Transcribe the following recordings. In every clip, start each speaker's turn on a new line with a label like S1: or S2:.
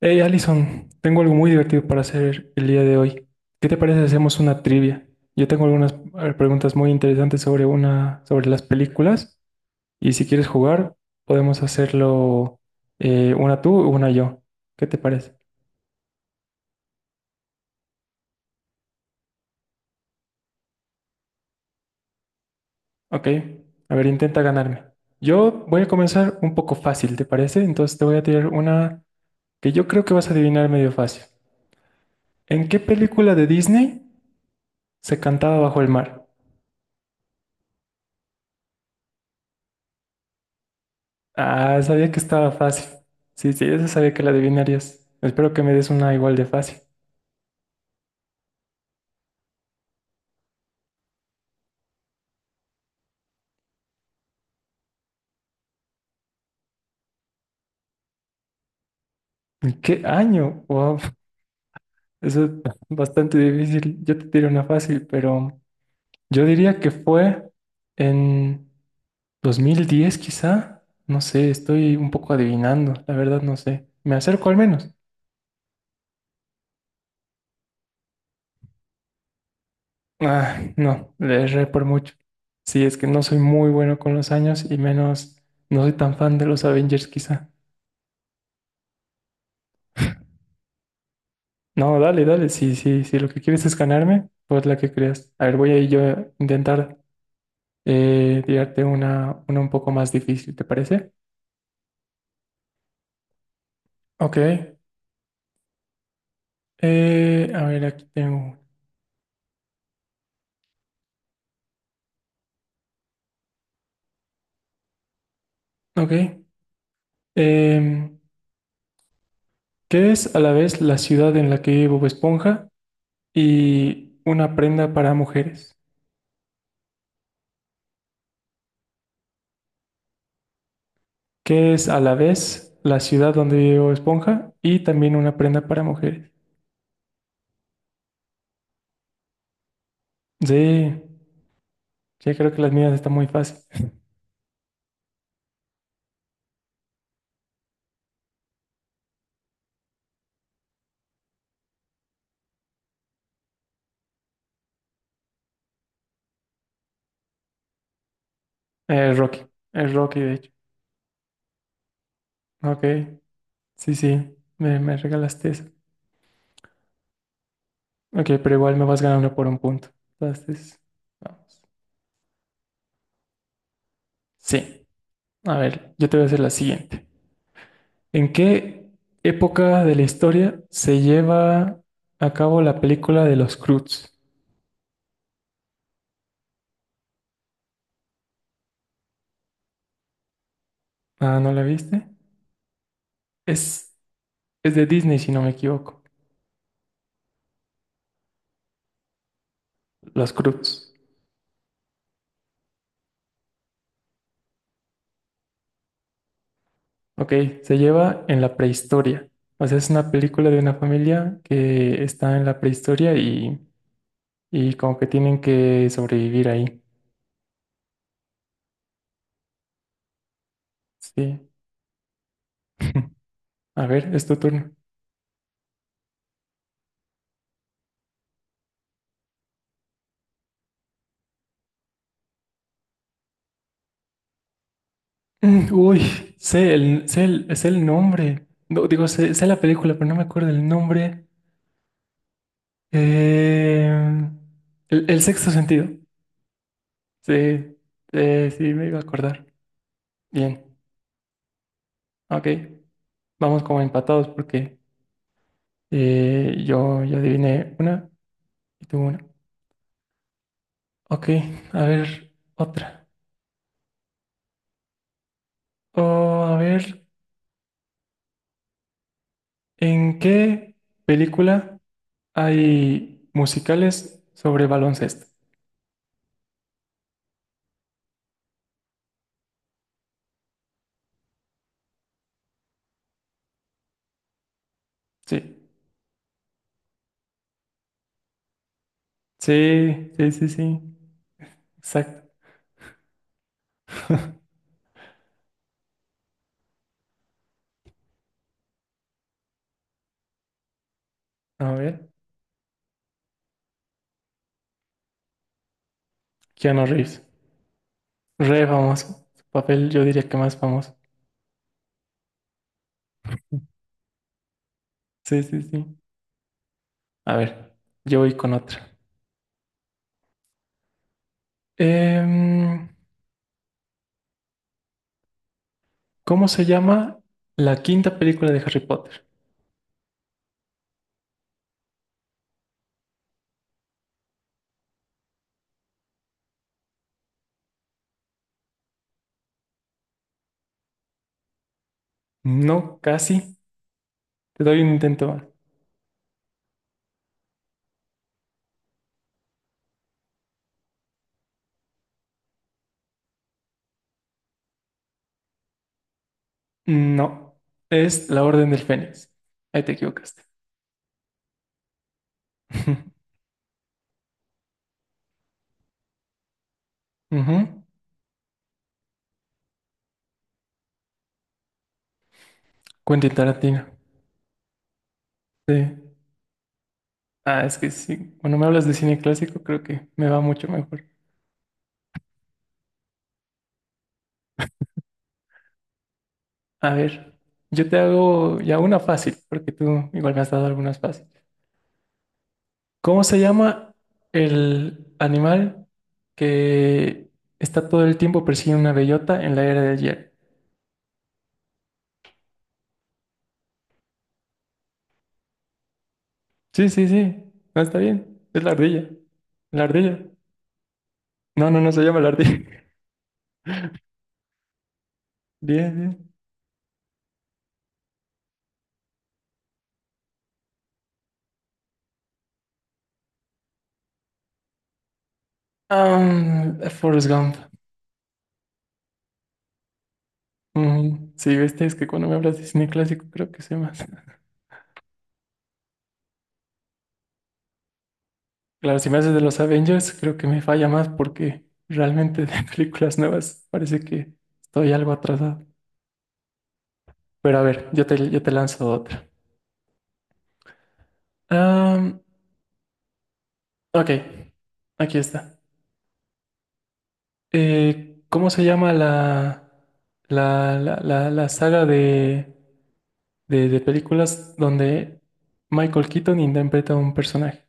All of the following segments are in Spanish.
S1: Hey Allison, tengo algo muy divertido para hacer el día de hoy. ¿Qué te parece si hacemos una trivia? Yo tengo algunas preguntas muy interesantes sobre las películas y si quieres jugar podemos hacerlo una tú, una yo. ¿Qué te parece? Ok, a ver, intenta ganarme. Yo voy a comenzar un poco fácil, ¿te parece? Entonces te voy a tirar una que yo creo que vas a adivinar medio fácil. ¿En qué película de Disney se cantaba bajo el mar? Ah, sabía que estaba fácil. Sí, sí, eso sabía que la adivinarías. Espero que me des una igual de fácil. ¿En qué año? Wow, eso es bastante difícil. Yo te tiro una fácil, pero yo diría que fue en 2010, quizá. No sé, estoy un poco adivinando, la verdad no sé. Me acerco al menos. Ah, no, le erré por mucho. Sí, es que no soy muy bueno con los años y menos no soy tan fan de los Avengers quizá. No, dale, dale. Sí, sí, sí. Lo que quieres es ganarme, pues la que creas. A ver, voy a ir yo a intentar tirarte una un poco más difícil, ¿te parece? Ok. A ver, aquí tengo una. Ok. Em, ¿Qué es a la vez la ciudad en la que vive Bob Esponja y una prenda para mujeres? ¿Qué es a la vez la ciudad donde vive Bob Esponja y también una prenda para mujeres? Sí, yo creo que las mías están muy fáciles. Es Rocky. Es Rocky, de hecho. Ok. Sí, sí, me regalaste eso. Ok, pero igual me vas ganando por un punto. Entonces, vamos. Sí, a ver, yo te voy a hacer la siguiente. ¿En qué época de la historia se lleva a cabo la película de los Croods? Ah, ¿no la viste? Es, es de Disney, si no me equivoco. Los Croods. Ok, se lleva en la prehistoria. O sea, es una película de una familia que está en la prehistoria y como que tienen que sobrevivir ahí. Sí. A ver, es tu turno. Uy, sé el nombre. No, digo, sé la película, pero no me acuerdo el nombre. Eh, el sexto sentido. Sí, sí, sí, me iba a acordar. Bien, ok. Vamos como empatados porque yo adiviné una y tú una. Ok, a ver, otra. Oh, a ver, ¿en qué película hay musicales sobre baloncesto? Sí. Sí, sí, sí, sí. Exacto. A ver, Keanu Reeves. Re famoso. Su papel yo diría que más famoso. Sí, sí, sí. A ver, yo voy con otra. Em, ¿Cómo se llama la quinta película de Harry Potter? No, casi. Te doy un intento más. No, es La Orden del Fénix. Ahí te equivocaste. Ujú. Quentin Tarantino. Sí. Ah, es que sí. Cuando me hablas de cine clásico, creo que me va mucho mejor. A ver, yo te hago ya una fácil, porque tú igual me has dado algunas fáciles. ¿Cómo se llama el animal que está todo el tiempo persiguiendo una bellota en la era del hielo? Sí, sí, sí, no está bien, es la ardilla. La ardilla. No, no, no se llama la ardilla. Bien, bien. Ah, Forrest Gump. Ujú. Sí, viste, es que cuando me hablas de cine clásico creo que sé más. Claro, si me haces de los Avengers, creo que me falla más porque realmente de películas nuevas parece que estoy algo atrasado. Pero a ver, yo te lanzo otra. Am, ok, aquí está. ¿Cómo se llama la saga de películas donde Michael Keaton interpreta a un personaje?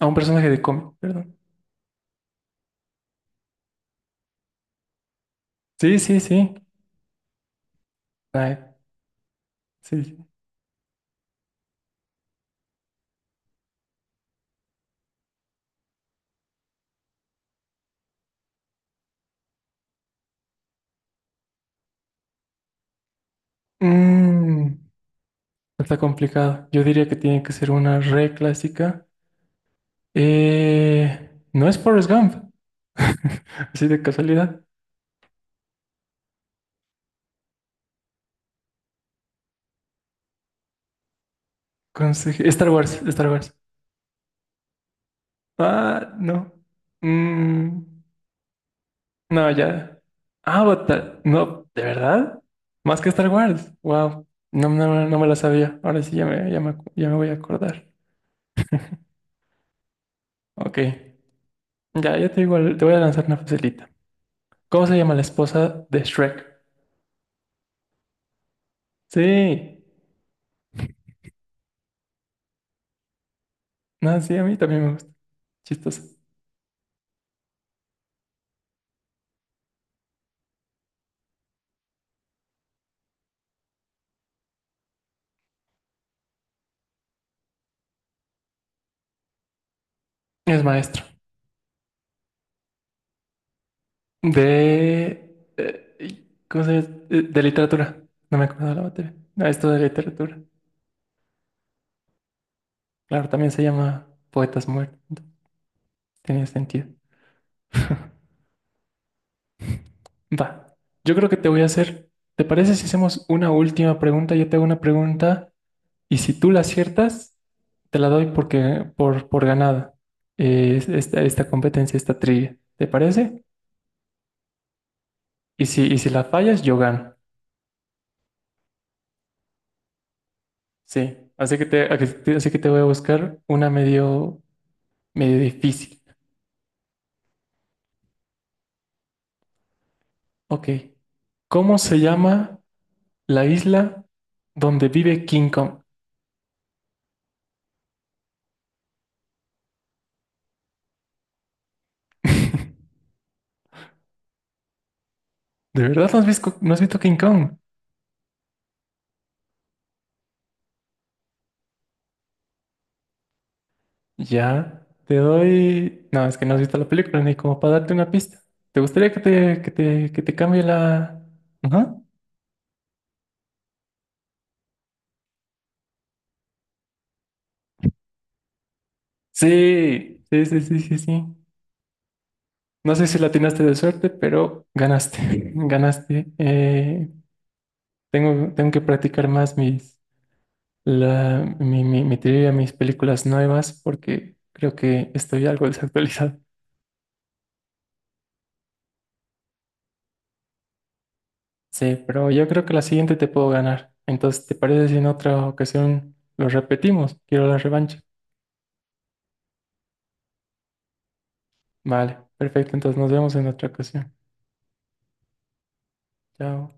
S1: A un personaje de cómic, perdón. Sí, sí, sí. Ay, sí. Sí. Mm, Está complicado. Yo diría que tiene que ser una re clásica. No es Forrest Gump, así de casualidad. Star Wars, Star Wars. Ah, no. Mm, no, ya. Avatar. No, ¿de verdad? Más que Star Wars. Wow. No, no, no me la sabía. Ahora sí ya me voy a acordar. Ok. Ya, ya te digo, te voy a lanzar una facilita. ¿Cómo se llama la esposa de Shrek? Sí. No, sí, a mí también me gusta. Chistoso. Es maestro de¿cómo se llama? De literatura. No me acuerdo de la materia. No, esto de literatura. Claro, también se llama Poetas Muertos. Tiene sentido. Va. Yo creo que te voy a hacer. ¿Te parece si hacemos una última pregunta? Yo te hago una pregunta y si tú la aciertas, te la doy por ganada. Esta competencia, esta trivia. ¿Te parece? Y si la fallas, yo gano. Sí. Así que te voy a buscar una medio difícil. Ok. ¿Cómo se llama la isla donde vive King Kong? ¿De verdad no has visto King Kong? Ya, te doy. No, es que no has visto la película ni como para darte una pista. ¿Te gustaría que te cambie la. Ajá. Sí, sí, sí, sí, sí, sí. No sé si la atinaste de suerte, pero ganaste, ganaste. Tengo que practicar más mis, la, mi trivia, mis películas nuevas, porque creo que estoy algo desactualizado. Sí, pero yo creo que la siguiente te puedo ganar. Entonces, ¿te parece si en otra ocasión lo repetimos? Quiero la revancha. Vale, perfecto. Entonces nos vemos en otra ocasión. Chao.